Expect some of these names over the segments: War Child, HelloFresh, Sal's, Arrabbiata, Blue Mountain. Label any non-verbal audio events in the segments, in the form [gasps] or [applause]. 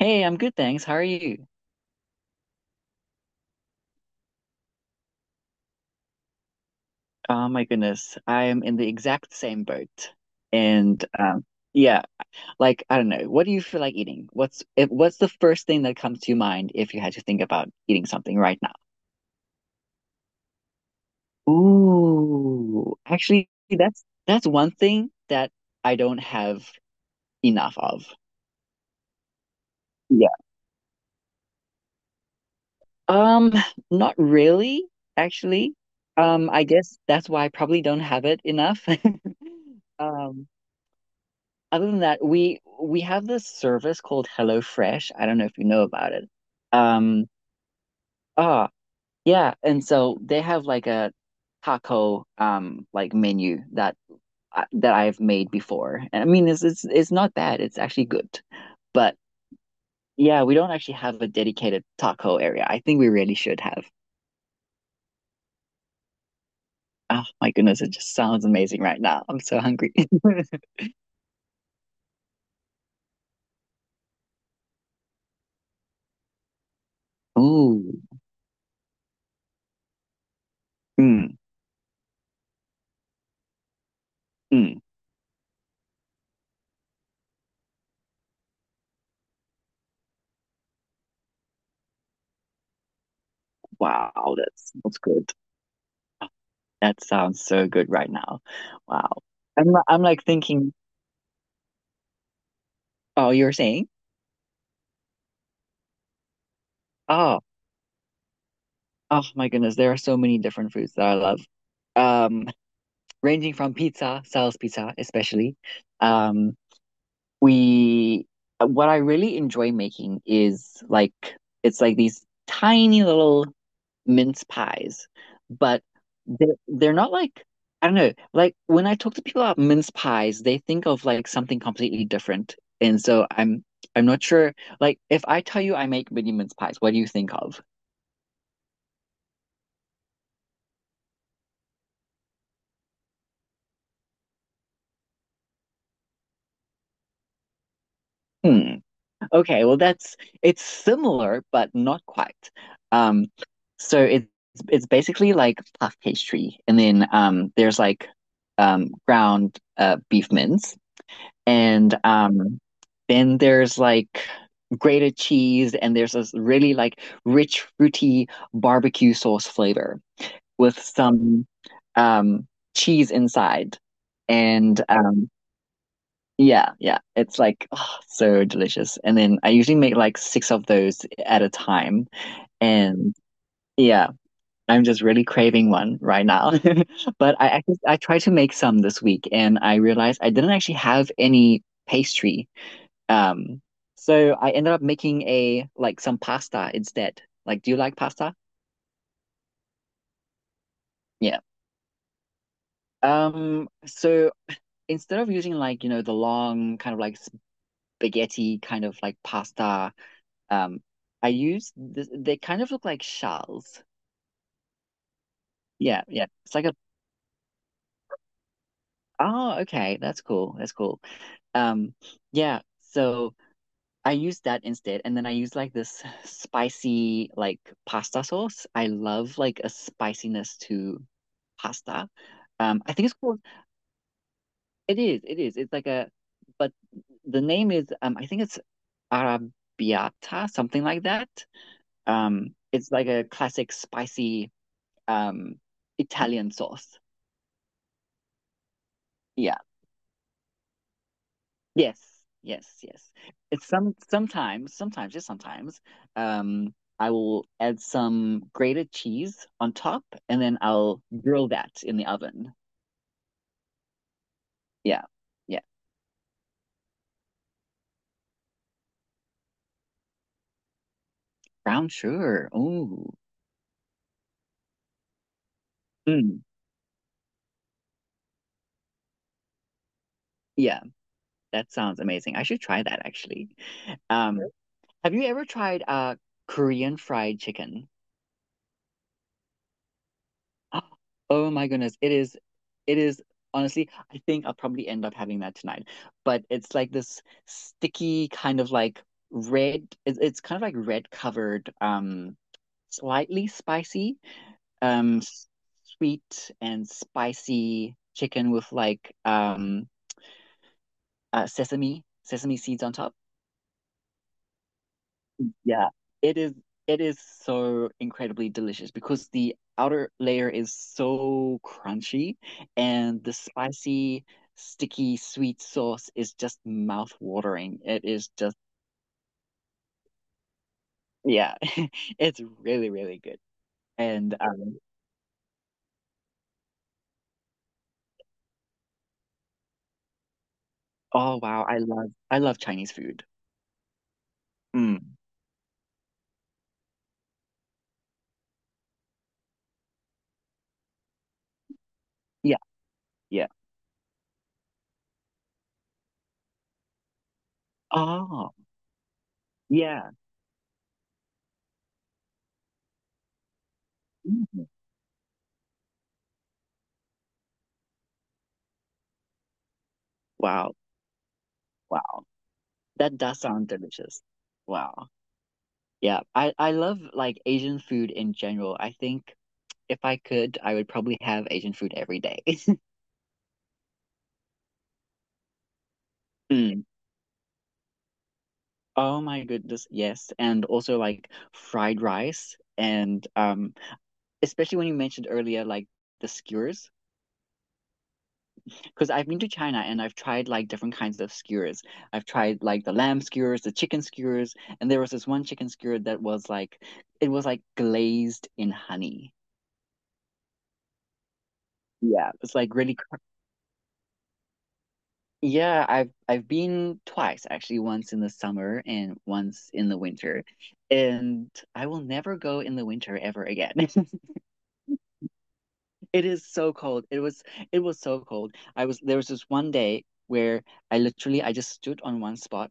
Hey, I'm good, thanks. How are you? Oh my goodness, I am in the exact same boat. And yeah, like I don't know, what do you feel like eating? What's if, what's the first thing that comes to your mind if you had to think about eating something right now? Ooh, actually, that's one thing that I don't have enough of. Yeah. Um, Not really, actually. I guess that's why I probably don't have it enough. [laughs] Um, Other than that, we have this service called HelloFresh. I don't know if you know about it. Um, ah, yeah, and so they have like a taco like menu that that I've made before. And I mean, it's not bad. It's actually good. But yeah, we don't actually have a dedicated taco area. I think we really should have. Oh my goodness, it just sounds amazing right now. I'm so hungry. [laughs] Oh, mm, mm, wow, that's good. That sounds so good right now. Wow. I'm like thinking, oh, you're saying? Oh, oh my goodness, there are so many different foods that I love. Um, Ranging from pizza, Sal's pizza especially. Um, we what I really enjoy making is like it's like these tiny little mince pies, but they're not like, I don't know, like when I talk to people about mince pies, they think of like something completely different. And so I'm not sure, like if I tell you I make mini mince pies, what do you think of? Hmm. Okay, well that's it's similar but not quite. Um, so it's basically like puff pastry, and then there's like ground beef mince, and then there's like grated cheese, and there's this really like rich, fruity barbecue sauce flavor with some um cheese inside. And yeah, yeah, it's like oh, so delicious. And then I usually make like six of those at a time. And yeah, I'm just really craving one right now. [laughs] But I tried to make some this week and I realized I didn't actually have any pastry, um, so I ended up making a like some pasta instead. Like, do you like pasta? Yeah. So instead of using like, you know, the long kind of like spaghetti kind of like pasta, um, I use this, they kind of look like shells. Yeah, yeah. Oh, okay, that's cool. That's cool. Um, yeah. So I used that instead, and then I used like this [sighs] spicy like pasta sauce. I love like a spiciness to pasta. I think it's called. It is. It is. It's like a, but the name is. I think it's Arrabbiata, something like that. It's like a classic spicy um Italian sauce. Yeah. Yes, yes, yes. It's sometimes, sometimes, just sometimes, um, I will add some grated cheese on top and then I'll grill that in the oven. Yeah, yeah. Brown sugar. Oh, mm, yeah, that sounds amazing. I should try that actually. Um, have you ever tried Korean fried chicken? [gasps] Oh my goodness. It is honestly, I think I'll probably end up having that tonight. But it's like this sticky kind of like red, it's kind of like red covered, slightly spicy, um, s- sweet and spicy chicken with like sesame seeds on top. Yeah, it is it is so incredibly delicious because the outer layer is so crunchy and the spicy, sticky, sweet sauce is just mouth-watering. It is just yeah, [laughs] it's really, really good. And um Oh wow, I love Chinese food. Mm. Yeah, yeah. Oh, yeah. Mhm. Wow, wow. That does sound delicious. Wow. Yeah, I love like Asian food in general. I think if I could, I would probably have Asian food every day. [laughs] Mm. Oh my goodness, yes. And also like fried rice and especially when you mentioned earlier like the skewers because I've been to China and I've tried like different kinds of skewers. I've tried like the lamb skewers, the chicken skewers, and there was this one chicken skewer that was like it was like glazed in honey. Yeah, it's like really. Yeah, I've been twice actually, once in the summer and once in the winter. And I will never go in the winter ever again. [laughs] It is so cold. It was so cold. I was there was this one day where I just stood on one spot,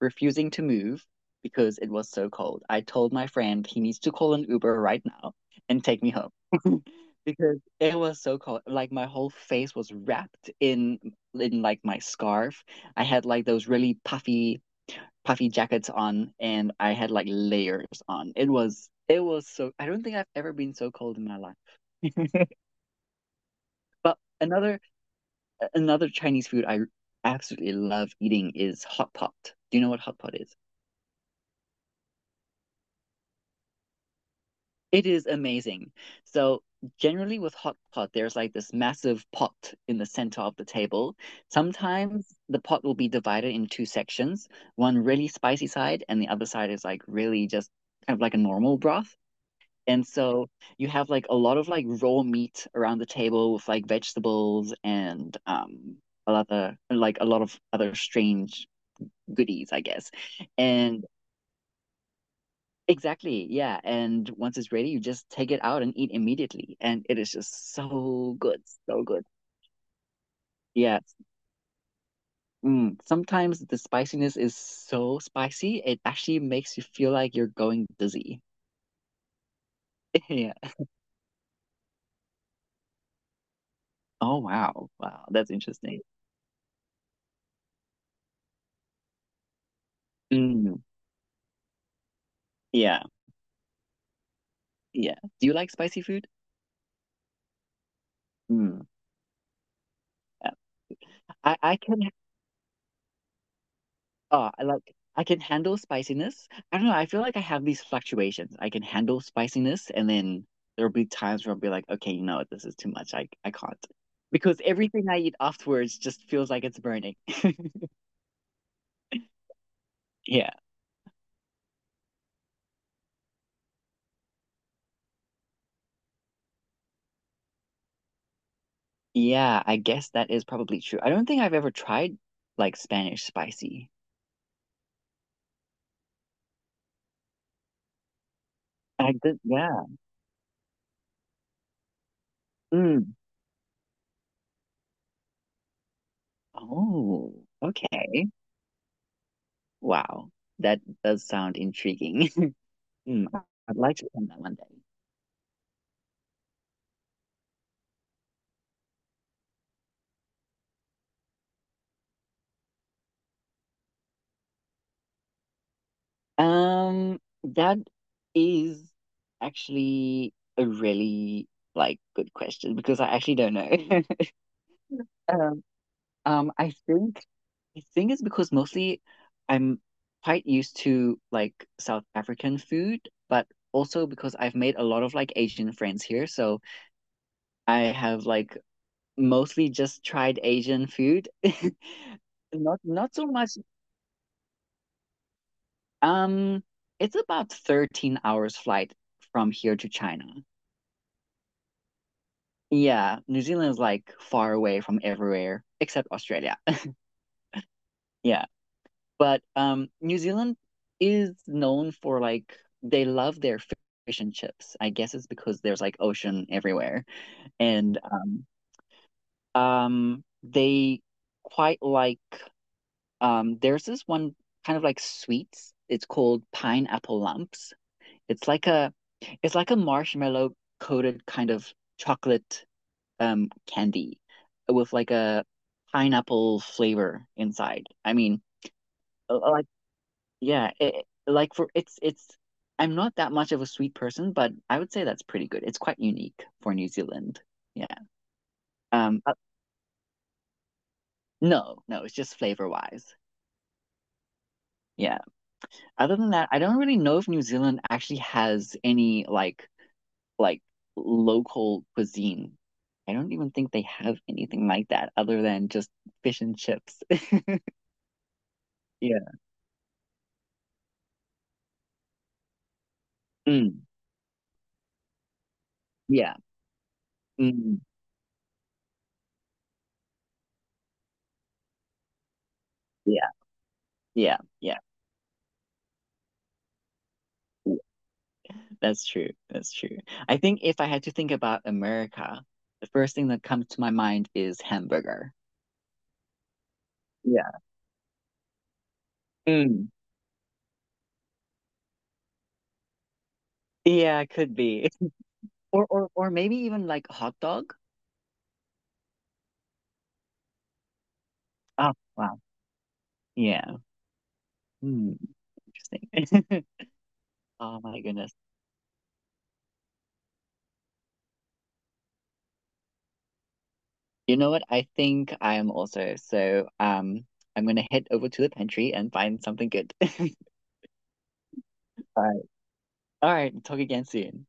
refusing to move because it was so cold. I told my friend he needs to call an Uber right now and take me home. [laughs] because it was so cold. Like my whole face was wrapped in like my scarf. I had like those really puffy puffy jackets on, and I had like layers on. It was so. I don't think I've ever been so cold in my life. [laughs] But another Chinese food I absolutely love eating is hot pot. Do you know what hot pot is? It is amazing. So generally with hot pot, there's like this massive pot in the center of the table. Sometimes the pot will be divided in two sections, one really spicy side and the other side is like really just kind of like a normal broth. And so you have like a lot of like raw meat around the table with like vegetables and a lot of like a lot of other strange goodies, I guess. And Exactly. Yeah. And once it's ready, you just take it out and eat immediately. And it is just so good. So good. Yeah. Mm. Sometimes the spiciness is so spicy, it actually makes you feel like you're going dizzy. [laughs] Yeah. Oh, wow. Wow. That's interesting. Mm. Yeah. Yeah. Do you like spicy food? Mm, yeah, I can. Oh, I can handle spiciness. I don't know. I feel like I have these fluctuations. I can handle spiciness, and then there'll be times where I'll be like, okay, you know what, this is too much. I can't. Because everything I eat afterwards just feels like it's burning. [laughs] Yeah. Yeah, I guess that is probably true. I don't think I've ever tried like Spanish spicy. I did, yeah. Mm. Oh, okay. Wow. That does sound intriguing. [laughs] Mm. I'd like to try that one day. Um, that is actually a really like good question because I actually don't know. [laughs] Um, um, I think I think it's because mostly I'm quite used to like South African food, but also because I've made a lot of like Asian friends here, so I have like mostly just tried Asian food. [laughs] Not so much. Um, it's about 13 hours flight from here to China. Yeah, New Zealand is like far away from everywhere except Australia. [laughs] Yeah, but New Zealand is known for like they love their fish and chips. I guess it's because there's like ocean everywhere, and they quite like. There's this one kind of like sweets. It's called pineapple lumps. It's like a, it's like a marshmallow coated kind of chocolate candy with like a pineapple flavor inside. I mean, like yeah, it, like for it's I'm not that much of a sweet person, but I would say that's pretty good. It's quite unique for New Zealand. Yeah. Um uh, no, no, it's just flavor wise. Yeah. Other than that, I don't really know if New Zealand actually has any like local cuisine. I don't even think they have anything like that other than just fish and chips. [laughs] Yeah. Mm, yeah. Mm, yeah, yeah, yeah. Yeah. That's true. That's true. I think if I had to think about America, the first thing that comes to my mind is hamburger. Yeah. Mm. Yeah, could be. [laughs] Or maybe even like hot dog. Oh, wow. Yeah. Hmm. Interesting. [laughs] Oh my goodness. You know what? I think I am also. So, I'm gonna head over to the pantry and find something good. [laughs] All right. All right. Talk again soon.